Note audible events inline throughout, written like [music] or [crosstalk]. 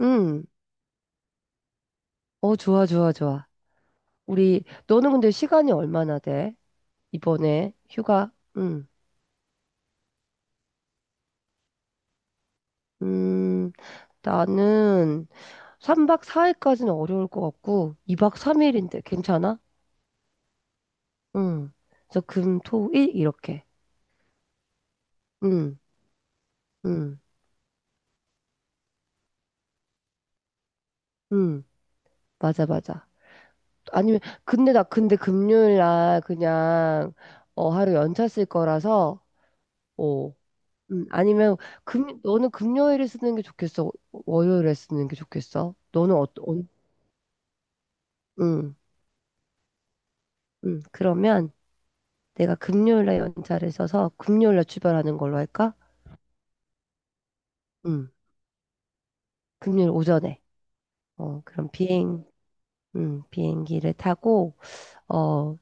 응. 어, 좋아, 좋아, 좋아. 우리, 너는 근데 시간이 얼마나 돼? 이번에 휴가? 응. 음, 나는 3박 4일까지는 어려울 것 같고, 2박 3일인데 괜찮아? 응. 그래서 금, 토, 일 이렇게. 응, 응, 응. 맞아, 맞아. 아니면, 근데 나 근데 금요일 날 그냥, 하루 연차 쓸 거라서, 어, 아니면 금 너는 금요일에 쓰는 게 좋겠어? 월요일에 쓰는 게 좋겠어? 너는 어떤 응, 응. 그러면 내가 금요일에 연차를 써서 금요일에 출발하는 걸로 할까? 응. 금요일 오전에. 그럼 비행 응, 비행기를 타고 어,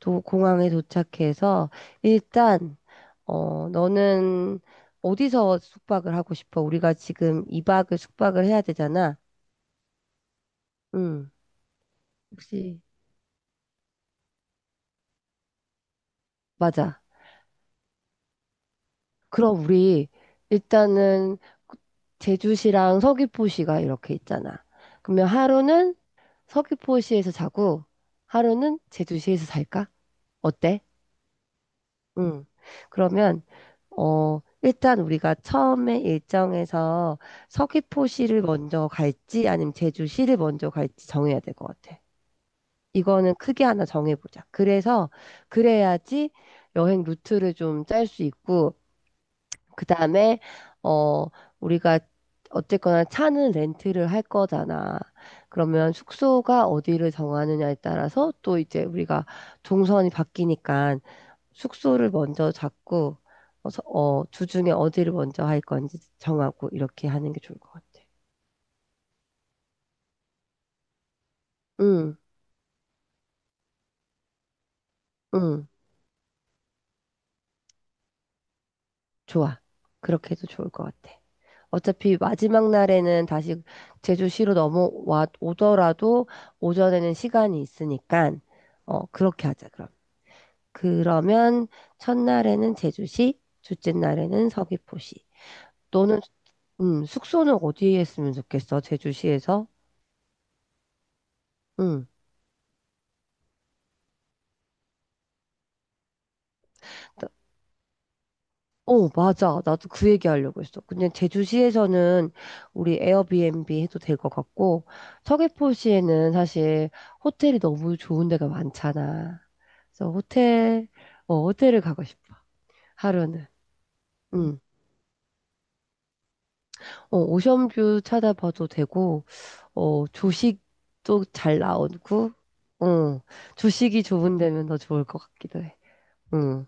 도 공항에 도착해서 일단 너는 어디서 숙박을 하고 싶어? 우리가 지금 2박을 숙박을 해야 되잖아. 응. 혹시 맞아. 그럼 우리 일단은 제주시랑 서귀포시가 이렇게 있잖아. 그러면 하루는 서귀포시에서 자고 하루는 제주시에서 살까? 어때? 응. 그러면 일단 우리가 처음에 일정에서 서귀포시를 먼저 갈지 아니면 제주시를 먼저 갈지 정해야 될 것 같아. 이거는 크게 하나 정해보자. 그래서 그래야지 여행 루트를 좀 짤 수 있고 그다음에 어 우리가 어쨌거나 차는 렌트를 할 거잖아. 그러면 숙소가 어디를 정하느냐에 따라서 또 이제 우리가 동선이 바뀌니까 숙소를 먼저 잡고 주중에 어디를 먼저 할 건지 정하고 이렇게 하는 게 좋을 것 같아. 응, 응, 좋아. 그렇게 해도 좋을 것 같아. 어차피 마지막 날에는 다시 제주시로 넘어와 오더라도 오전에는 시간이 있으니까 그렇게 하자, 그럼. 그러면 첫날에는 제주시, 둘째 날에는 서귀포시. 너는 숙소는 어디에 했으면 좋겠어? 제주시에서? 응. 나- 맞아. 나도 그 얘기 하려고 했어. 근데 제주시에서는 우리 에어비앤비 해도 될 것 같고, 서귀포시에는 사실 호텔이 너무 좋은 데가 많잖아. 그래서 호텔을 가고 싶어. 하루는. 응. 오션뷰 찾아봐도 되고, 조식도 잘 나오고, 어, 조식이 좋은 데면 더 좋을 것 같기도 해. 응.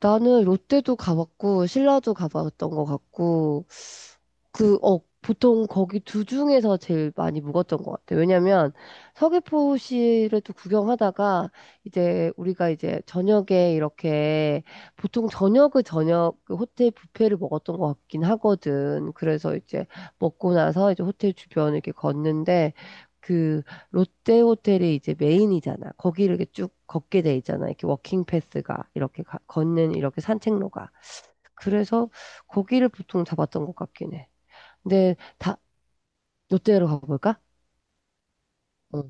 나는 롯데도 가봤고, 신라도 가봤던 것 같고, 보통 거기 두 중에서 제일 많이 묵었던 것 같아요. 왜냐면 서귀포시를 또 구경하다가 이제 우리가 이제 저녁에 이렇게 보통 저녁 그 호텔 뷔페를 먹었던 것 같긴 하거든. 그래서 이제 먹고 나서 이제 호텔 주변을 이렇게 걷는데 그 롯데 호텔이 이제 메인이잖아. 거기를 이렇게 쭉 걷게 돼 있잖아. 이렇게 워킹 패스가 이렇게 걷는 이렇게 산책로가. 그래서 거기를 보통 잡았던 것 같긴 해. 근데 다 롯데로 가볼까? 어.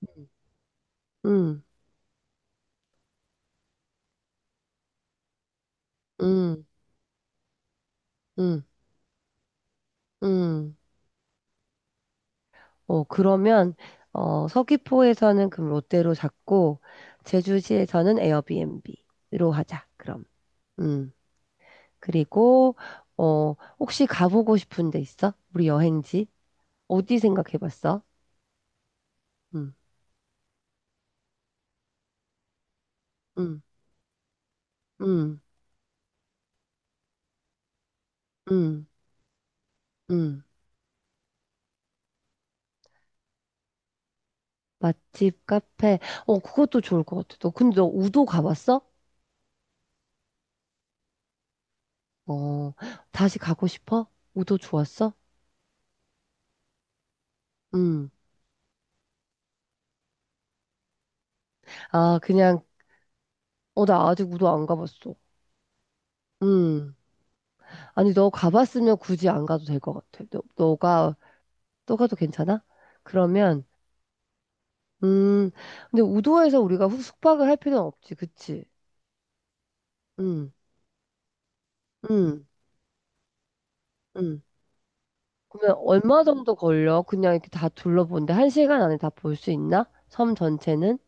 응. 응, 응, 응, 응. 그러면 서귀포에서는 그럼 롯데로 잡고 제주시에서는 에어비앤비로 하자. 그럼. 음. 그리고 어, 혹시 가보고 싶은 데 있어? 우리 여행지? 어디 생각해봤어? 음, 음, 음, 음, 음. 맛집, 카페. 그것도 좋을 것 같아. 너, 근데 너 우도 가봤어? 어, 다시 가고 싶어? 우도 좋았어? 음. 아, 그냥, 나 아직 우도 안 가봤어. 음. 아니, 너 가봤으면 굳이 안 가도 될 것 같아. 너가, 또 가도 괜찮아? 그러면, 음. 근데 우도에서 우리가 숙박을 할 필요는 없지, 그치? 음, 음, 음. 그러면 얼마 정도 걸려? 그냥 이렇게 다 둘러본데 1시간 안에 다 볼 수 있나? 섬 전체는?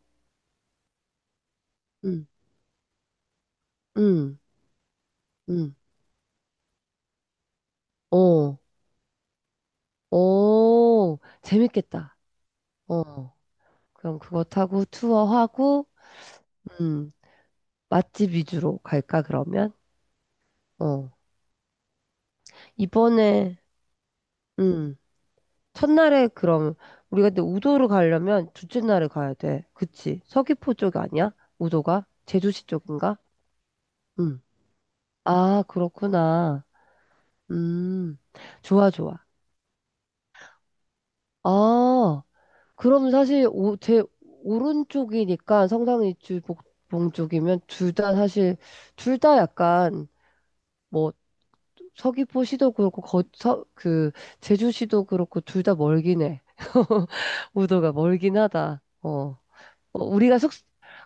응, 응, 응. 어, 재밌겠다. 어, 그럼 그거 타고 투어하고, 음, 맛집 위주로 갈까, 그러면? 어, 이번에, 음, 첫날에 그럼, 우리가 근데 우도를 가려면 둘째 날에 가야 돼. 그치? 서귀포 쪽 아니야? 우도가? 제주시 쪽인가? 응. 아, 그렇구나. 음, 좋아, 좋아. 아, 그럼 사실 오, 제 오른쪽이니까 성당이 주복봉 쪽이면 둘 다 사실 둘 다 약간 뭐 서귀포시도 그렇고 거, 서, 그 제주시도 그렇고 둘 다 멀긴 해. [laughs] 우도가 멀긴 하다. 어. 어, 우리가 숙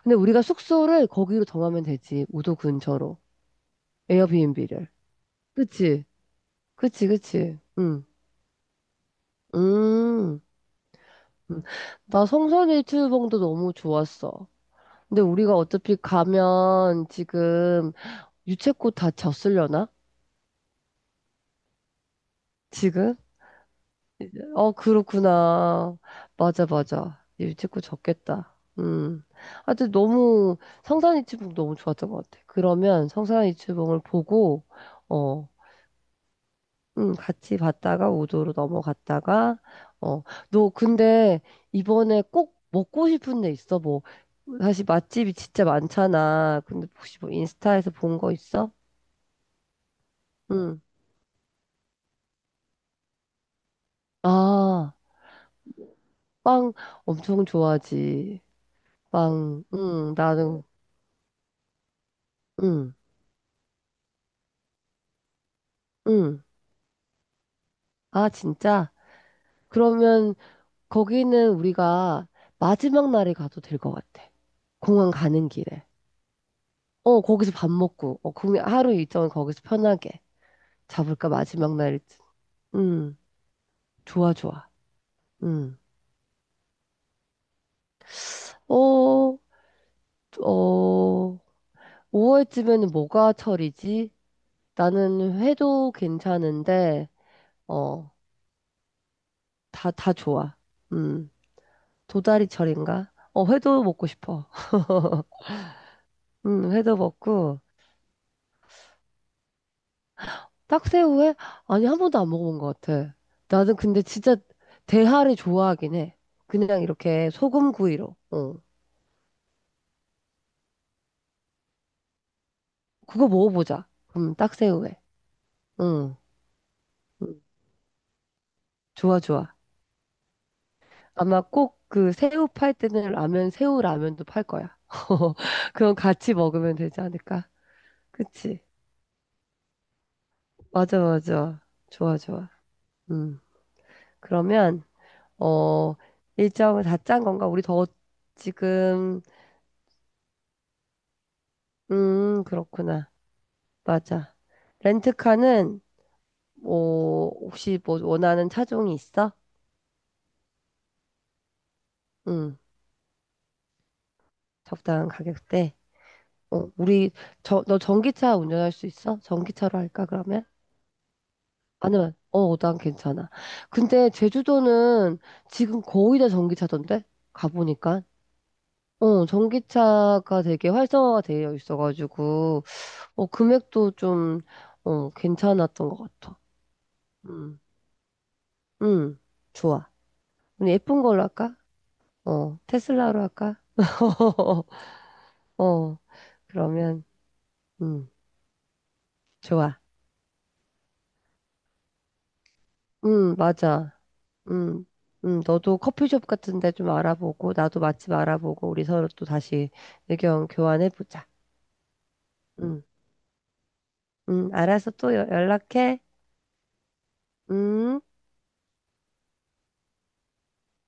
근데 우리가 숙소를 거기로 정하면 되지. 우도 근처로. 에어비앤비를. 그치? 그치, 그치. 응. 음. 음. 나 성산일출봉도 너무 좋았어. 근데 우리가 어차피 가면 지금 유채꽃 다 졌으려나? 지금? 그렇구나. 맞아, 맞아. 유채꽃 졌겠다. 음. 하여튼 너무 성산이치봉 너무 좋았던 것 같아. 그러면 성산이치봉을 보고, 어, 같이 봤다가 우도로 넘어갔다가, 어, 너 근데 이번에 꼭 먹고 싶은 데 있어? 뭐, 사실 맛집이 진짜 많잖아. 근데 혹시 뭐 인스타에서 본 거 있어? 응. 아. 빵 엄청 좋아하지. 빵, 응, 나는, 응, 응. 아, 진짜? 그러면 거기는 우리가 마지막 날에 가도 될 것 같아. 공항 가는 길에. 거기서 밥 먹고, 그 하루 일정을 거기서 편하게 잡을까, 마지막 날. 응, 좋아, 좋아. 응. 어, 어, 5월쯤에는 뭐가 철이지? 나는 회도 괜찮은데, 어, 다 좋아. 음. 도다리철인가? 회도 먹고 싶어. [laughs] 회도 먹고. 딱새우회? 아니, 한 번도 안 먹어본 것 같아. 나는 근데 진짜 대하를 좋아하긴 해. 그냥 이렇게 소금구이로. 어. 그거 먹어보자. 그럼 딱새우회. 응. 응. 좋아, 좋아. 아마 꼭 그 새우 팔 때는 라면, 새우 라면도 팔 거야. [laughs] 그럼 같이 먹으면 되지 않을까? 그치? 맞아, 맞아. 좋아, 좋아. 음. 그러면 어, 일정을 다 짠 건가? 우리 더 지금, 그렇구나. 맞아. 렌트카는, 뭐, 혹시 뭐 원하는 차종이 있어? 응, 적당한 가격대. 우리, 너 전기차 운전할 수 있어? 전기차로 할까, 그러면? 아니면, 난 괜찮아. 근데 제주도는 지금 거의 다 전기차던데? 가보니까. 전기차가 되게 활성화가 되어 있어가지고. 금액도 좀, 괜찮았던 것 같아. 음, 음, 좋아. 우리 예쁜 걸로 할까? 테슬라로 할까? [laughs] 어, 그러면, 음, 좋아. 맞아. 음, 너도 커피숍 같은 데 좀 알아보고, 나도 맛집 알아보고, 우리 서로 또 다시 의견 교환해보자. 음, 알아서 또 연락해. 음.